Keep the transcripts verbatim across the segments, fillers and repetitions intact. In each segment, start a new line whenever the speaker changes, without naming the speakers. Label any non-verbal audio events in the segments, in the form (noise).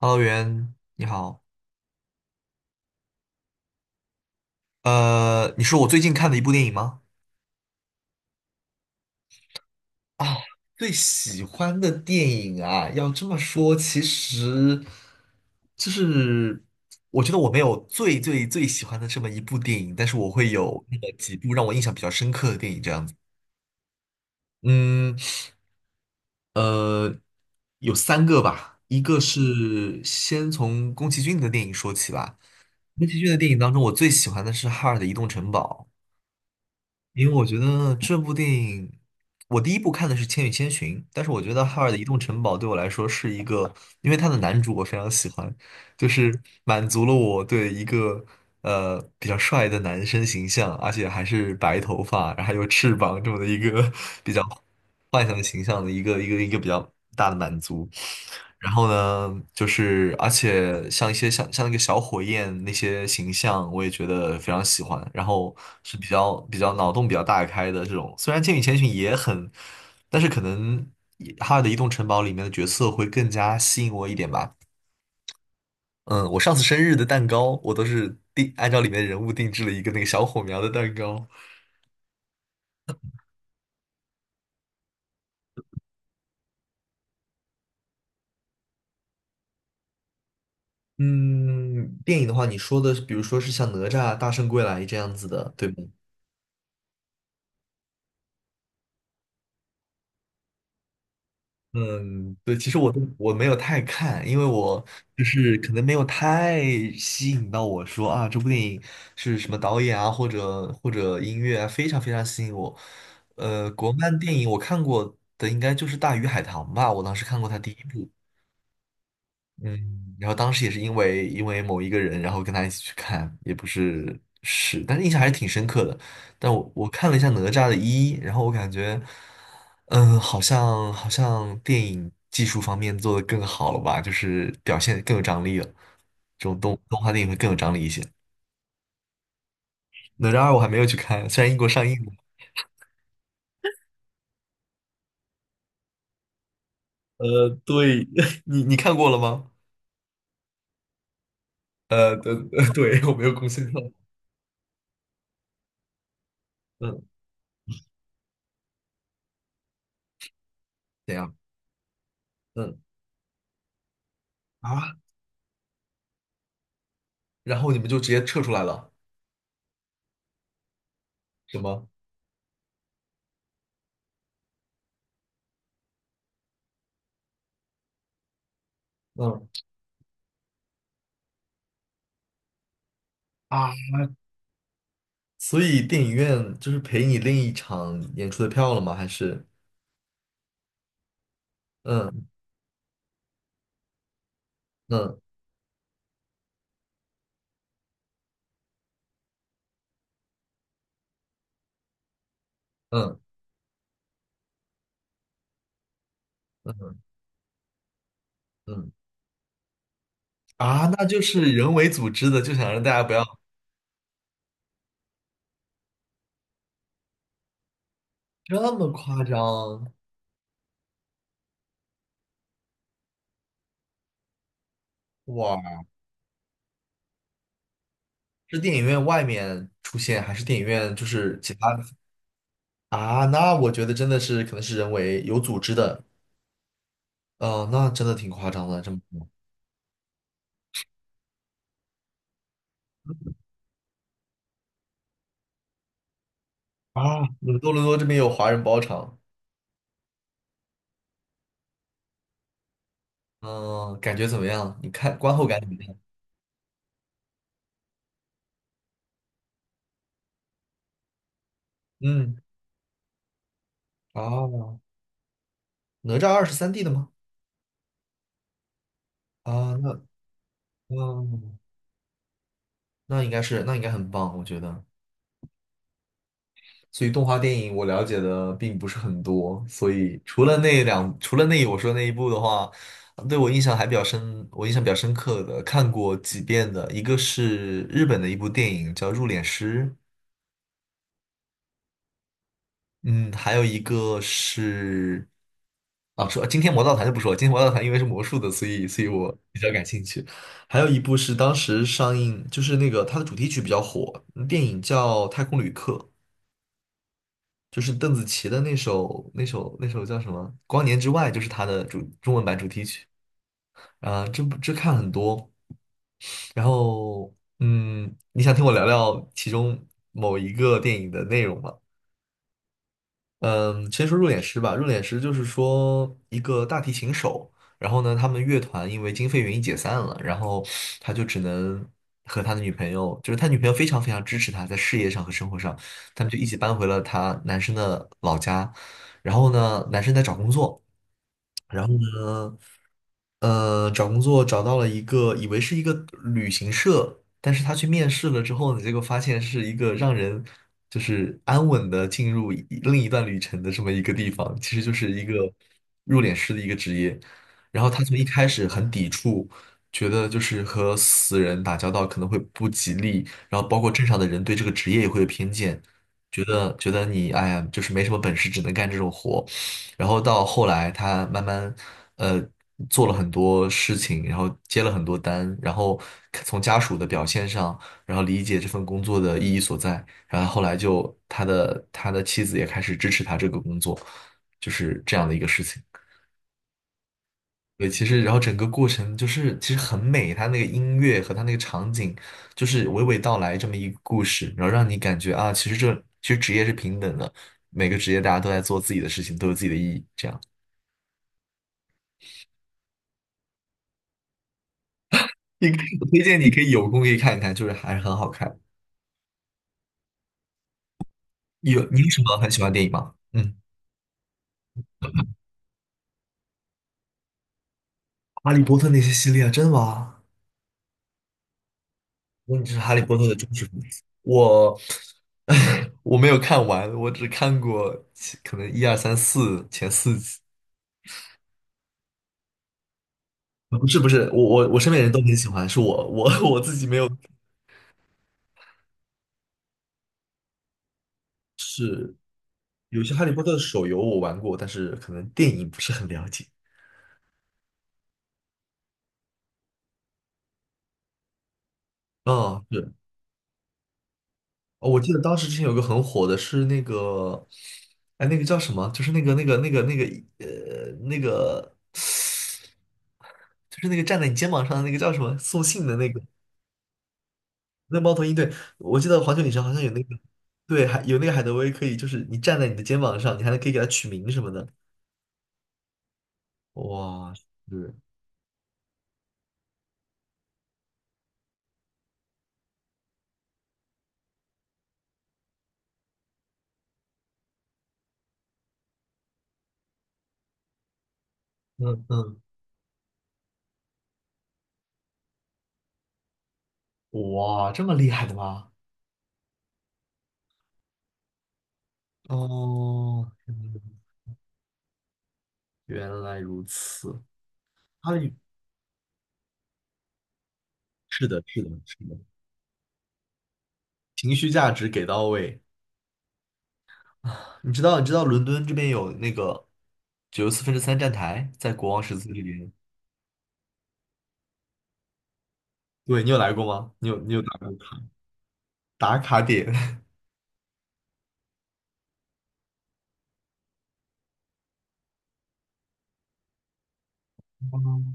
Hello，袁，你好。呃，你说我最近看的一部电影吗？啊，最喜欢的电影啊，要这么说，其实就是我觉得我没有最最最喜欢的这么一部电影，但是我会有那么几部让我印象比较深刻的电影这样子。嗯，呃，有三个吧，一个是先从宫崎骏的电影说起吧。宫崎骏的电影当中，我最喜欢的是《哈尔的移动城堡》。因为我觉得这部电影，我第一部看的是《千与千寻》，但是我觉得《哈尔的移动城堡》对我来说是一个，因为他的男主我非常喜欢，就是满足了我对一个呃比较帅的男生形象，而且还是白头发，然后还有翅膀这么的一个 (laughs) 比较幻想的形象的一个一个一个比较大的满足。然后呢，就是而且像一些像像那个小火焰那些形象，我也觉得非常喜欢。然后是比较比较脑洞比较大开的这种，虽然《千与千寻》也很，但是可能也哈尔的移动城堡》里面的角色会更加吸引我一点吧。嗯，我上次生日的蛋糕，我都是定按照里面人物定制了一个那个小火苗的蛋糕。嗯，电影的话，你说的是比如说是像哪吒、大圣归来这样子的，对吗？嗯，对，其实我都我没有太看，因为我就是可能没有太吸引到我说啊，这部电影是什么导演啊，或者或者音乐啊，非常非常吸引我。呃，国漫电影我看过的应该就是《大鱼海棠》吧，我当时看过它第一部。嗯，然后当时也是因为因为某一个人，然后跟他一起去看，也不是是，但是印象还是挺深刻的。但我我看了一下哪吒的一，然后我感觉，嗯，好像好像电影技术方面做的更好了吧，就是表现更有张力了。这种动动画电影会更有张力一些。哪吒二我还没有去看，虽然英国上映了。呃，对，(laughs) 你你看过了吗？呃，对，(laughs) 对，我没有更新到。嗯，怎样？嗯啊，然后你们就直接撤出来了，是吗？嗯，啊，所以电影院就是赔你另一场演出的票了吗？还是嗯嗯嗯嗯嗯啊，那就是人为组织的，就想让大家不要这么夸张。哇！是电影院外面出现，还是电影院就是其他的？啊？那我觉得真的是可能是人为有组织的。哦、那真的挺夸张的，这么说。啊！你们多伦多这边有华人包场，嗯、感觉怎么样？你看观后感怎么样？嗯啊。哪吒二是 三 D 的吗？啊，那嗯，那应该是，那应该很棒，我觉得。所以动画电影我了解的并不是很多，所以除了那两，除了那我说那一部的话，对我印象还比较深，我印象比较深刻的看过几遍的，一个是日本的一部电影叫《入殓师》，嗯，还有一个是，啊，说今天魔盗团就不说了，今天魔盗团因为是魔术的，所以所以我比较感兴趣。还有一部是当时上映，就是那个它的主题曲比较火，电影叫《太空旅客》，就是邓紫棋的那首那首那首叫什么《光年之外》，就是它的主中文版主题曲。啊，这部这看很多，然后嗯，你想听我聊聊其中某一个电影的内容吗？嗯，先说入殓师吧。入殓师就是说一个大提琴手，然后呢，他们乐团因为经费原因解散了，然后他就只能和他的女朋友，就是他女朋友非常非常支持他在事业上和生活上，他们就一起搬回了他男生的老家。然后呢，男生在找工作，然后呢，呃，找工作找到了一个，以为是一个旅行社，但是他去面试了之后呢，结果发现是一个让人就是安稳的进入一另一段旅程的这么一个地方，其实就是一个入殓师的一个职业。然后他从一开始很抵触，觉得就是和死人打交道可能会不吉利，然后包括镇上的人对这个职业也会有偏见，觉得觉得你哎呀，就是没什么本事，只能干这种活。然后到后来他慢慢呃做了很多事情，然后接了很多单，然后从家属的表现上，然后理解这份工作的意义所在，然后后来就他的他的妻子也开始支持他这个工作，就是这样的一个事情。对，其实然后整个过程就是其实很美，他那个音乐和他那个场景，就是娓娓道来这么一个故事，然后让你感觉啊，其实这其实职业是平等的，每个职业大家都在做自己的事情，都有自己的意义，这样。你我推荐你可以有空可以看一看，就是还是很好看。有你有什么很喜欢的电影吗？嗯，哈利波特那些系列啊，真的吗？我你是哈利波特的忠实粉丝。我 (laughs) 我没有看完，我只看过其可能一二三四前四集。呃不是不是，我我我身边人都很喜欢，是我我 (laughs) 我自己没有。有些哈利波特的手游我玩过，但是可能电影不是很了解。哦，是哦，我记得当时之前有个很火的是那个，哎，那个叫什么？就是那个那个那个那个呃那个，就是那个站在你肩膀上的那个叫什么送信的那个那猫头鹰。对，我记得环球影城好像有那个，对，还有那个海德薇可以，就是你站在你的肩膀上，你还能可以给它取名什么的。哇，是，嗯嗯，哇，这么厉害的吗？哦，嗯原来如此。它是的，是的，是的，情绪价值给到位。你知道，你知道伦敦这边有那个九十四分之三站台，在国王十字这边。对，你有来过吗？你有你有打过卡打卡点？(laughs) 嗯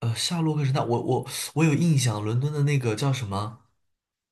呃，夏洛克神探，我我我有印象，伦敦的那个叫什么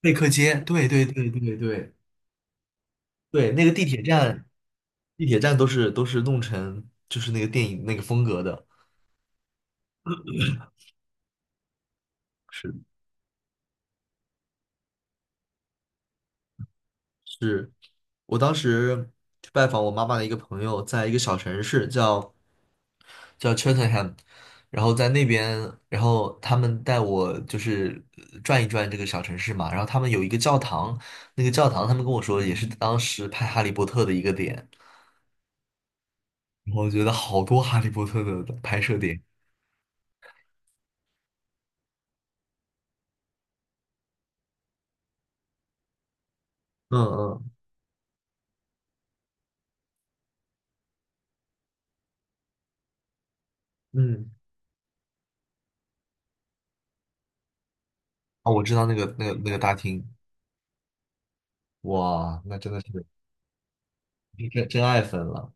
贝克街？对对对对对对，那个地铁站，地铁站都是都是弄成就是那个电影那个风格的，是是我当时去拜访我妈妈的一个朋友，在一个小城市叫叫 Cheltenham，然后在那边，然后他们带我就是呃转一转这个小城市嘛，然后他们有一个教堂，那个教堂他们跟我说也是当时拍《哈利波特》的一个点，然后我觉得好多《哈利波特》的拍摄点。嗯嗯嗯，啊，我知道那个那个那个大厅，哇，那真的是真真爱粉了。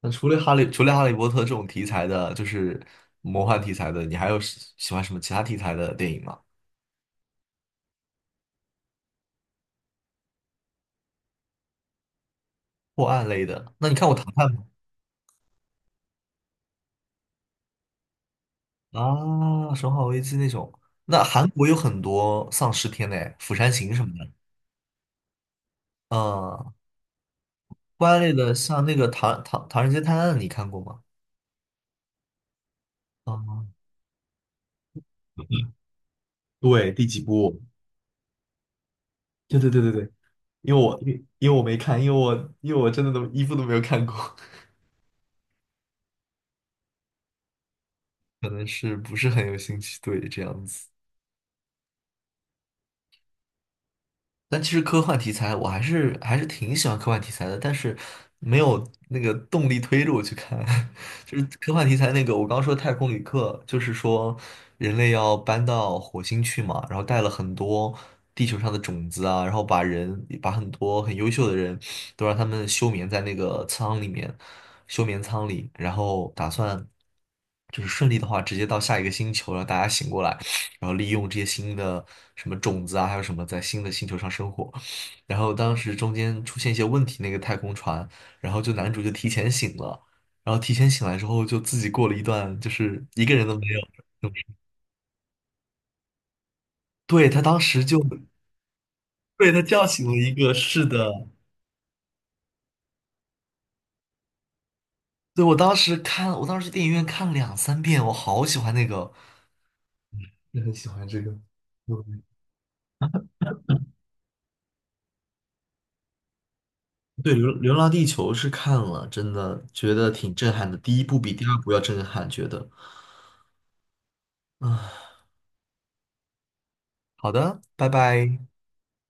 那除了哈利，除了哈利波特这种题材的，就是魔幻题材的，你还有喜喜欢什么其他题材的电影吗？破案类的？那你看过《唐探》吗？啊，《生化危机》那种。那韩国有很多丧尸片嘞，《釜山行》什么的。嗯，破案类的，像那个唐唐《唐人街探案》，你看过吗？啊，对，第几部？对对对对对，因为我因为因为我没看，因为我因为我真的都一部都没有看过，(laughs) 可能是不是很有兴趣，对，这样子。但其实科幻题材我还是还是挺喜欢科幻题材的，但是没有那个动力推着我去看。(laughs) 就是科幻题材那个，我刚说太空旅客，就是说人类要搬到火星去嘛，然后带了很多地球上的种子啊，然后把人把很多很优秀的人都让他们休眠在那个舱里面，休眠舱里，然后打算就是顺利的话，直接到下一个星球，让大家醒过来。然后利用这些新的什么种子啊，还有什么在新的星球上生活。然后当时中间出现一些问题，那个太空船，然后就男主就提前醒了，然后提前醒来之后就自己过了一段就是一个人都没有。对，他当时就，被他叫醒了一个，是的，对，我当时看，我当时电影院看了两三遍，我好喜欢那个，也很喜欢这个。嗯对，流《流浪地球》是看了，真的觉得挺震撼的。第一部比第二部要震撼，觉得啊。好的，拜拜。